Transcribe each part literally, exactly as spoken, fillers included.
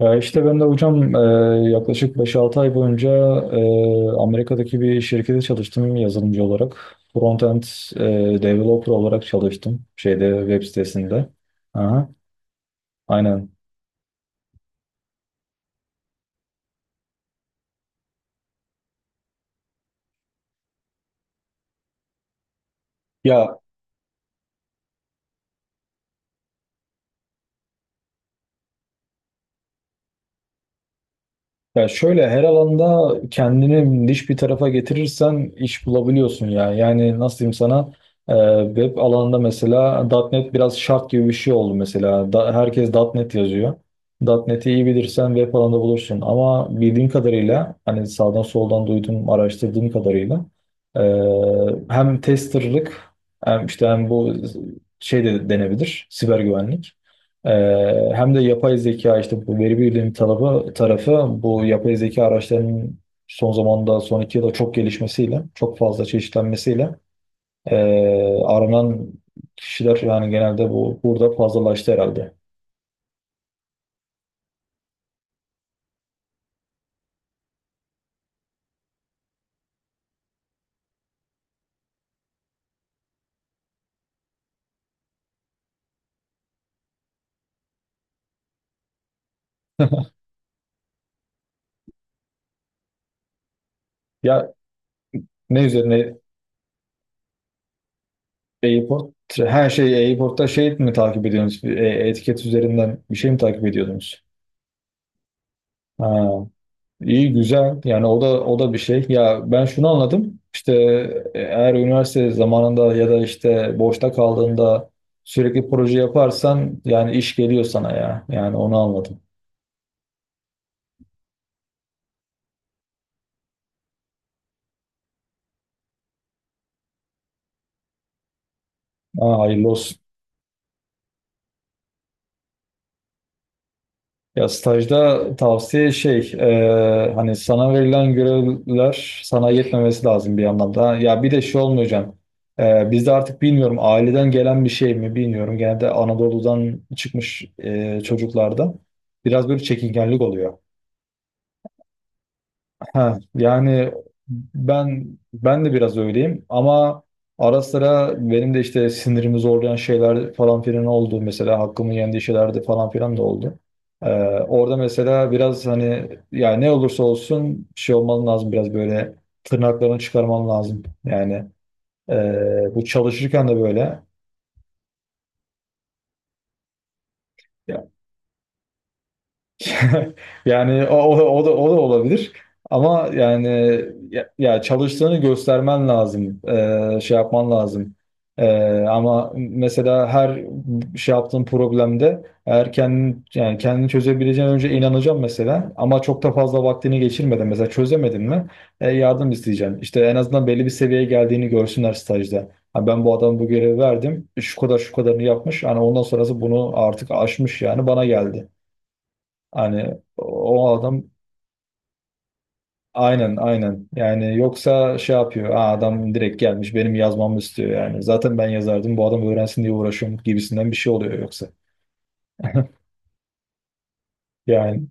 Ya işte ben de hocam e, yaklaşık beş-altı ay boyunca e, Amerika'daki bir şirkete çalıştım yazılımcı olarak. Frontend e, developer olarak çalıştım şeyde web sitesinde. Aha, aynen. Ya Ya şöyle her alanda kendini niş bir tarafa getirirsen iş bulabiliyorsun ya. Yani nasıl diyeyim sana e, web alanında mesela .nokta .NET biraz şart gibi bir şey oldu mesela. Da, herkes .nokta .NET yazıyor. .nokta .NET'i iyi bilirsen web alanında bulursun. Ama bildiğim kadarıyla hani sağdan soldan duydum araştırdığım kadarıyla e, hem testerlık hem işte hem bu şey de denebilir siber güvenlik. Ee, hem de yapay zeka işte bu veri bilimi tarafı, tarafı bu yapay zeka araçlarının son zamanda son iki yılda çok gelişmesiyle çok fazla çeşitlenmesiyle ee, aranan kişiler yani genelde bu burada fazlalaştı herhalde. Ya ne üzerine e-sport? Her şey e-sportta şey mi takip ediyorsunuz? E- Etiket üzerinden bir şey mi takip ediyordunuz? Ha. İyi güzel yani o da o da bir şey ya ben şunu anladım işte e, eğer üniversite zamanında ya da işte boşta kaldığında sürekli proje yaparsan yani iş geliyor sana ya yani onu anladım. Aa, hayırlı olsun ya stajda tavsiye şey e, hani sana verilen görevler sana yetmemesi lazım bir anlamda ya bir de şey olmayacağım e, bizde artık bilmiyorum aileden gelen bir şey mi bilmiyorum genelde Anadolu'dan çıkmış e, çocuklarda biraz böyle çekingenlik oluyor. Ha, yani ben ben de biraz öyleyim ama ara sıra benim de işte sinirimi zorlayan şeyler falan filan oldu. Mesela hakkımı yendiği şeyler de falan filan da oldu. Ee, orada mesela biraz hani yani ne olursa olsun bir şey olman lazım biraz böyle tırnaklarını çıkarman lazım. Yani e, bu çalışırken de böyle. Yani o, o, o da o da olabilir. Ama yani ya, ya çalıştığını göstermen lazım. Ee, şey yapman lazım. Ee, ama mesela her şey yaptığın problemde eğer kendin yani kendini çözebileceğin önce inanacağım mesela ama çok da fazla vaktini geçirmeden mesela çözemedin mi e, yardım isteyeceksin. İşte en azından belli bir seviyeye geldiğini görsünler stajda. Ha, ben bu adamı bu görevi verdim. Şu kadar şu kadarını yapmış. Yani ondan sonrası bunu artık aşmış yani bana geldi. Hani o adam aynen aynen yani yoksa şey yapıyor, "Aa, adam direkt gelmiş benim yazmamı istiyor yani zaten ben yazardım, bu adam öğrensin diye uğraşıyorum" gibisinden bir şey oluyor yoksa. Yani.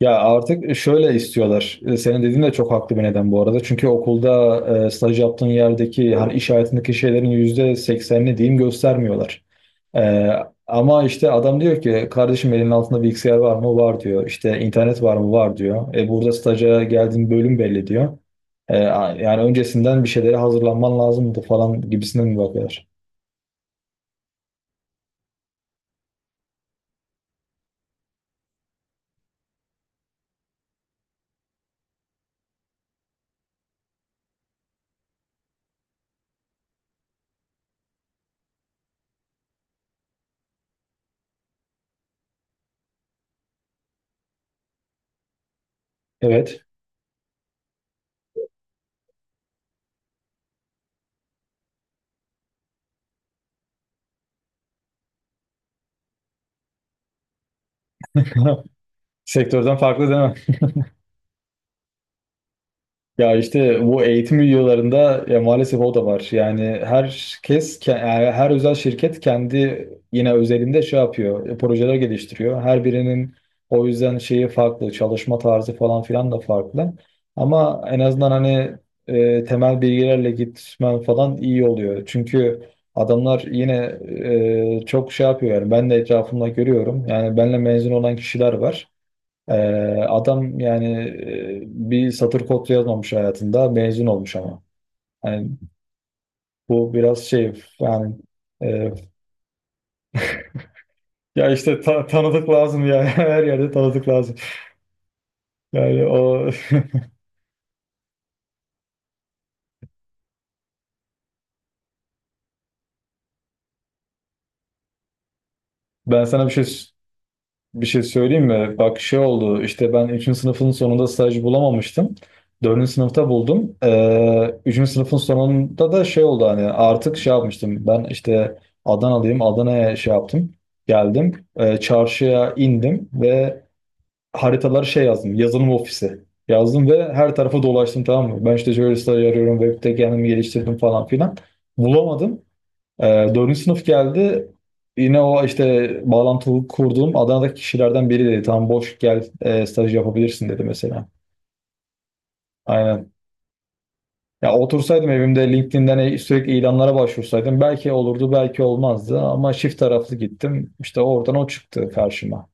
Ya artık şöyle istiyorlar. E, Senin dediğin de çok haklı bir neden bu arada. Çünkü okulda e, staj yaptığın yerdeki hani iş hayatındaki şeylerin yüzde seksenini diyeyim göstermiyorlar. E, ama işte adam diyor ki, kardeşim elinin altında bilgisayar var mı? Var diyor. İşte internet var mı? Var diyor. E, burada staja geldiğin bölüm belli diyor. E, a- yani öncesinden bir şeylere hazırlanman lazımdı falan gibisinden mi bakıyorlar? Evet. Sektörden farklı değil mi? Ya işte bu eğitim videolarında ya maalesef o da var. Yani herkes, ke- yani her özel şirket kendi yine özelinde şey yapıyor, e, projeler geliştiriyor. Her birinin o yüzden şeyi farklı, çalışma tarzı falan filan da farklı. Ama en azından hani e, temel bilgilerle gitmen falan iyi oluyor. Çünkü adamlar yine e, çok şey yapıyor yani ben de etrafımda görüyorum. Yani benle mezun olan kişiler var. Ee, adam yani e, bir satır kod yazmamış hayatında mezun olmuş ama. Yani bu biraz şey yani e, ya işte ta- tanıdık lazım ya, her yerde tanıdık lazım. Yani o. ben sana bir şey Bir şey söyleyeyim mi? Bak şey oldu. İşte ben üçüncü sınıfın sonunda staj bulamamıştım. Dördüncü sınıfta buldum. Ee, üçüncü sınıfın sonunda da şey oldu hani artık şey yapmıştım. Ben işte Adanalıyım. Adana'ya şey yaptım. Geldim. Ee, çarşıya indim ve haritaları şey yazdım. Yazılım ofisi. Yazdım ve her tarafa dolaştım, tamam mı? Ben işte şöyle staj arıyorum. Web'de kendimi geliştirdim falan filan. Bulamadım. Ee, dördüncü sınıf geldi. Yine o işte bağlantı kurduğum Adana'daki kişilerden biri dedi. Tamam, boş gel e, staj yapabilirsin dedi mesela. Aynen. Ya otursaydım evimde LinkedIn'den e- sürekli ilanlara başvursaydım belki olurdu belki olmazdı ama çift taraflı gittim. İşte oradan o çıktı karşıma.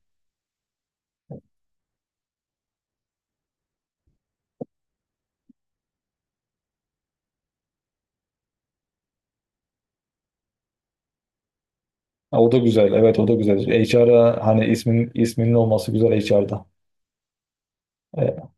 Ha, o da güzel. Evet, o da güzel. H R'a hani ismin isminin olması güzel H R'da. E,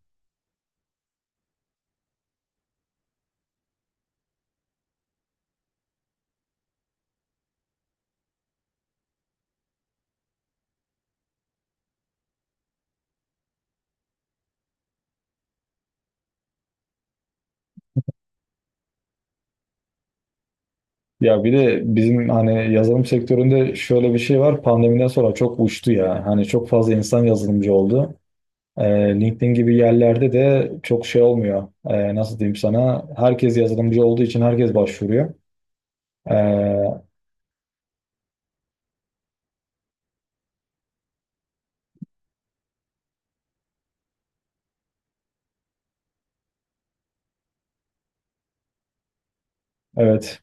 Ya bir de bizim hani yazılım sektöründe şöyle bir şey var. Pandemiden sonra çok uçtu ya. Hani çok fazla insan yazılımcı oldu. Ee, LinkedIn gibi yerlerde de çok şey olmuyor. Ee, nasıl diyeyim sana? Herkes yazılımcı olduğu için herkes başvuruyor. Ee, evet.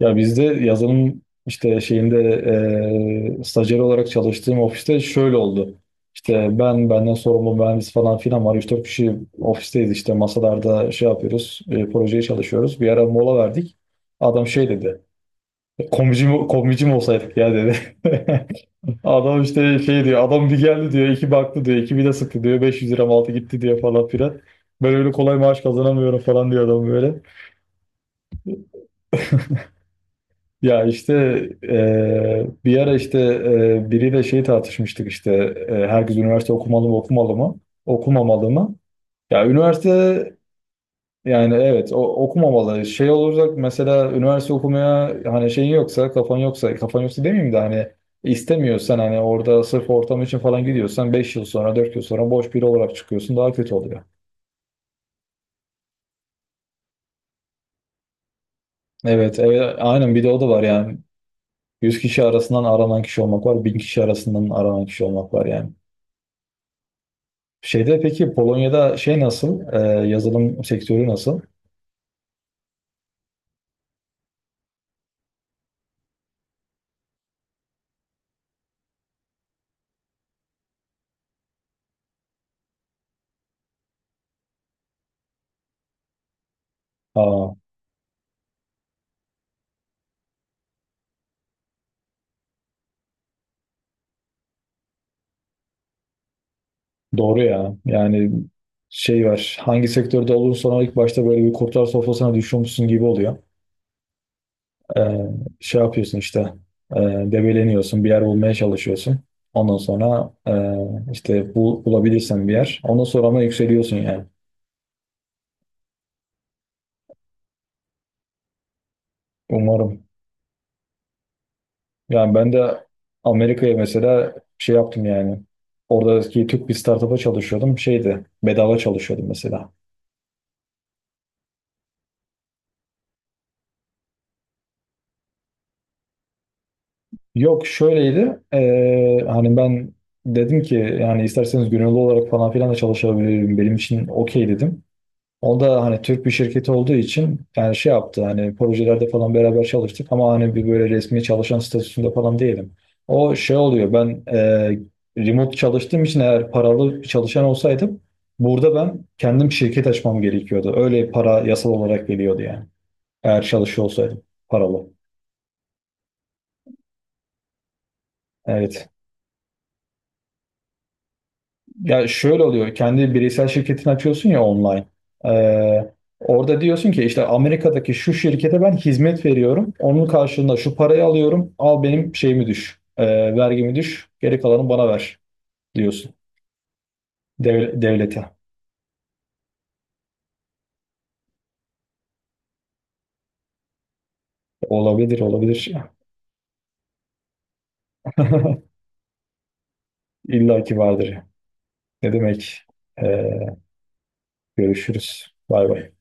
Ya bizde yazılım işte şeyinde eee stajyer olarak çalıştığım ofiste şöyle oldu. İşte ben, benden sorumlu mühendis falan filan var. üç dört kişi ofisteyiz işte masalarda şey yapıyoruz, e, projeye çalışıyoruz. Bir ara mola verdik. Adam şey dedi, komici mi, komici mi olsaydık ya dedi. Adam işte şey diyor, adam bir geldi diyor, iki baktı diyor, iki bir de sıktı diyor, Beş yüz lira altı gitti diyor falan filan. Ben öyle kolay maaş kazanamıyorum falan diyor adam böyle. Ya işte eee, bir ara işte eee, biriyle şey tartışmıştık işte eee, herkes üniversite okumalı mı okumalı mı okumamalı mı? Ya üniversite yani evet o, okumamalı. Şey olacak mesela üniversite okumaya hani şeyin yoksa kafan yoksa kafan yoksa demeyeyim de hani istemiyorsan hani orada sırf ortam için falan gidiyorsan beş yıl sonra dört yıl sonra boş biri olarak çıkıyorsun daha kötü oluyor. Evet, evet, aynen, bir de o da var yani. Yüz kişi arasından aranan kişi olmak var, bin kişi arasından aranan kişi olmak var yani. Şeyde peki Polonya'da şey nasıl? Ee, yazılım sektörü nasıl? Aa, doğru ya. Yani şey var. Hangi sektörde olursan sonra ilk başta böyle bir kurtlar sofrasına düşüyormuşsun gibi oluyor. Ee, şey yapıyorsun işte. E, debeleniyorsun. Bir yer bulmaya çalışıyorsun. Ondan sonra e, işte bu, bulabilirsen bir yer. Ondan sonra ama yükseliyorsun yani. Umarım. Yani ben de Amerika'ya mesela şey yaptım yani. Oradaki Türk bir startup'a çalışıyordum. Şeydi. Bedava çalışıyordum mesela. Yok, şöyleydi. Eee, hani ben dedim ki yani isterseniz gönüllü olarak falan filan da çalışabilirim. Benim için okey dedim. O da hani Türk bir şirketi olduğu için yani şey yaptı, hani projelerde falan beraber çalıştık ama hani bir böyle resmi çalışan statüsünde falan değilim. O şey oluyor, ben eee, remote çalıştığım için eğer paralı bir çalışan olsaydım burada ben kendim şirket açmam gerekiyordu. Öyle para yasal olarak geliyordu yani. Eğer çalışıyor olsaydım paralı. Evet. Ya şöyle oluyor. Kendi bireysel şirketini açıyorsun ya online. Ee, orada diyorsun ki işte Amerika'daki şu şirkete ben hizmet veriyorum. Onun karşılığında şu parayı alıyorum. Al benim şeyimi düş. Ee, vergimi düş. Geri kalanı bana ver diyorsun. Dev- devlete. Olabilir, olabilir. İlla ki vardır. Ne demek? Ee, görüşürüz. Bay bay.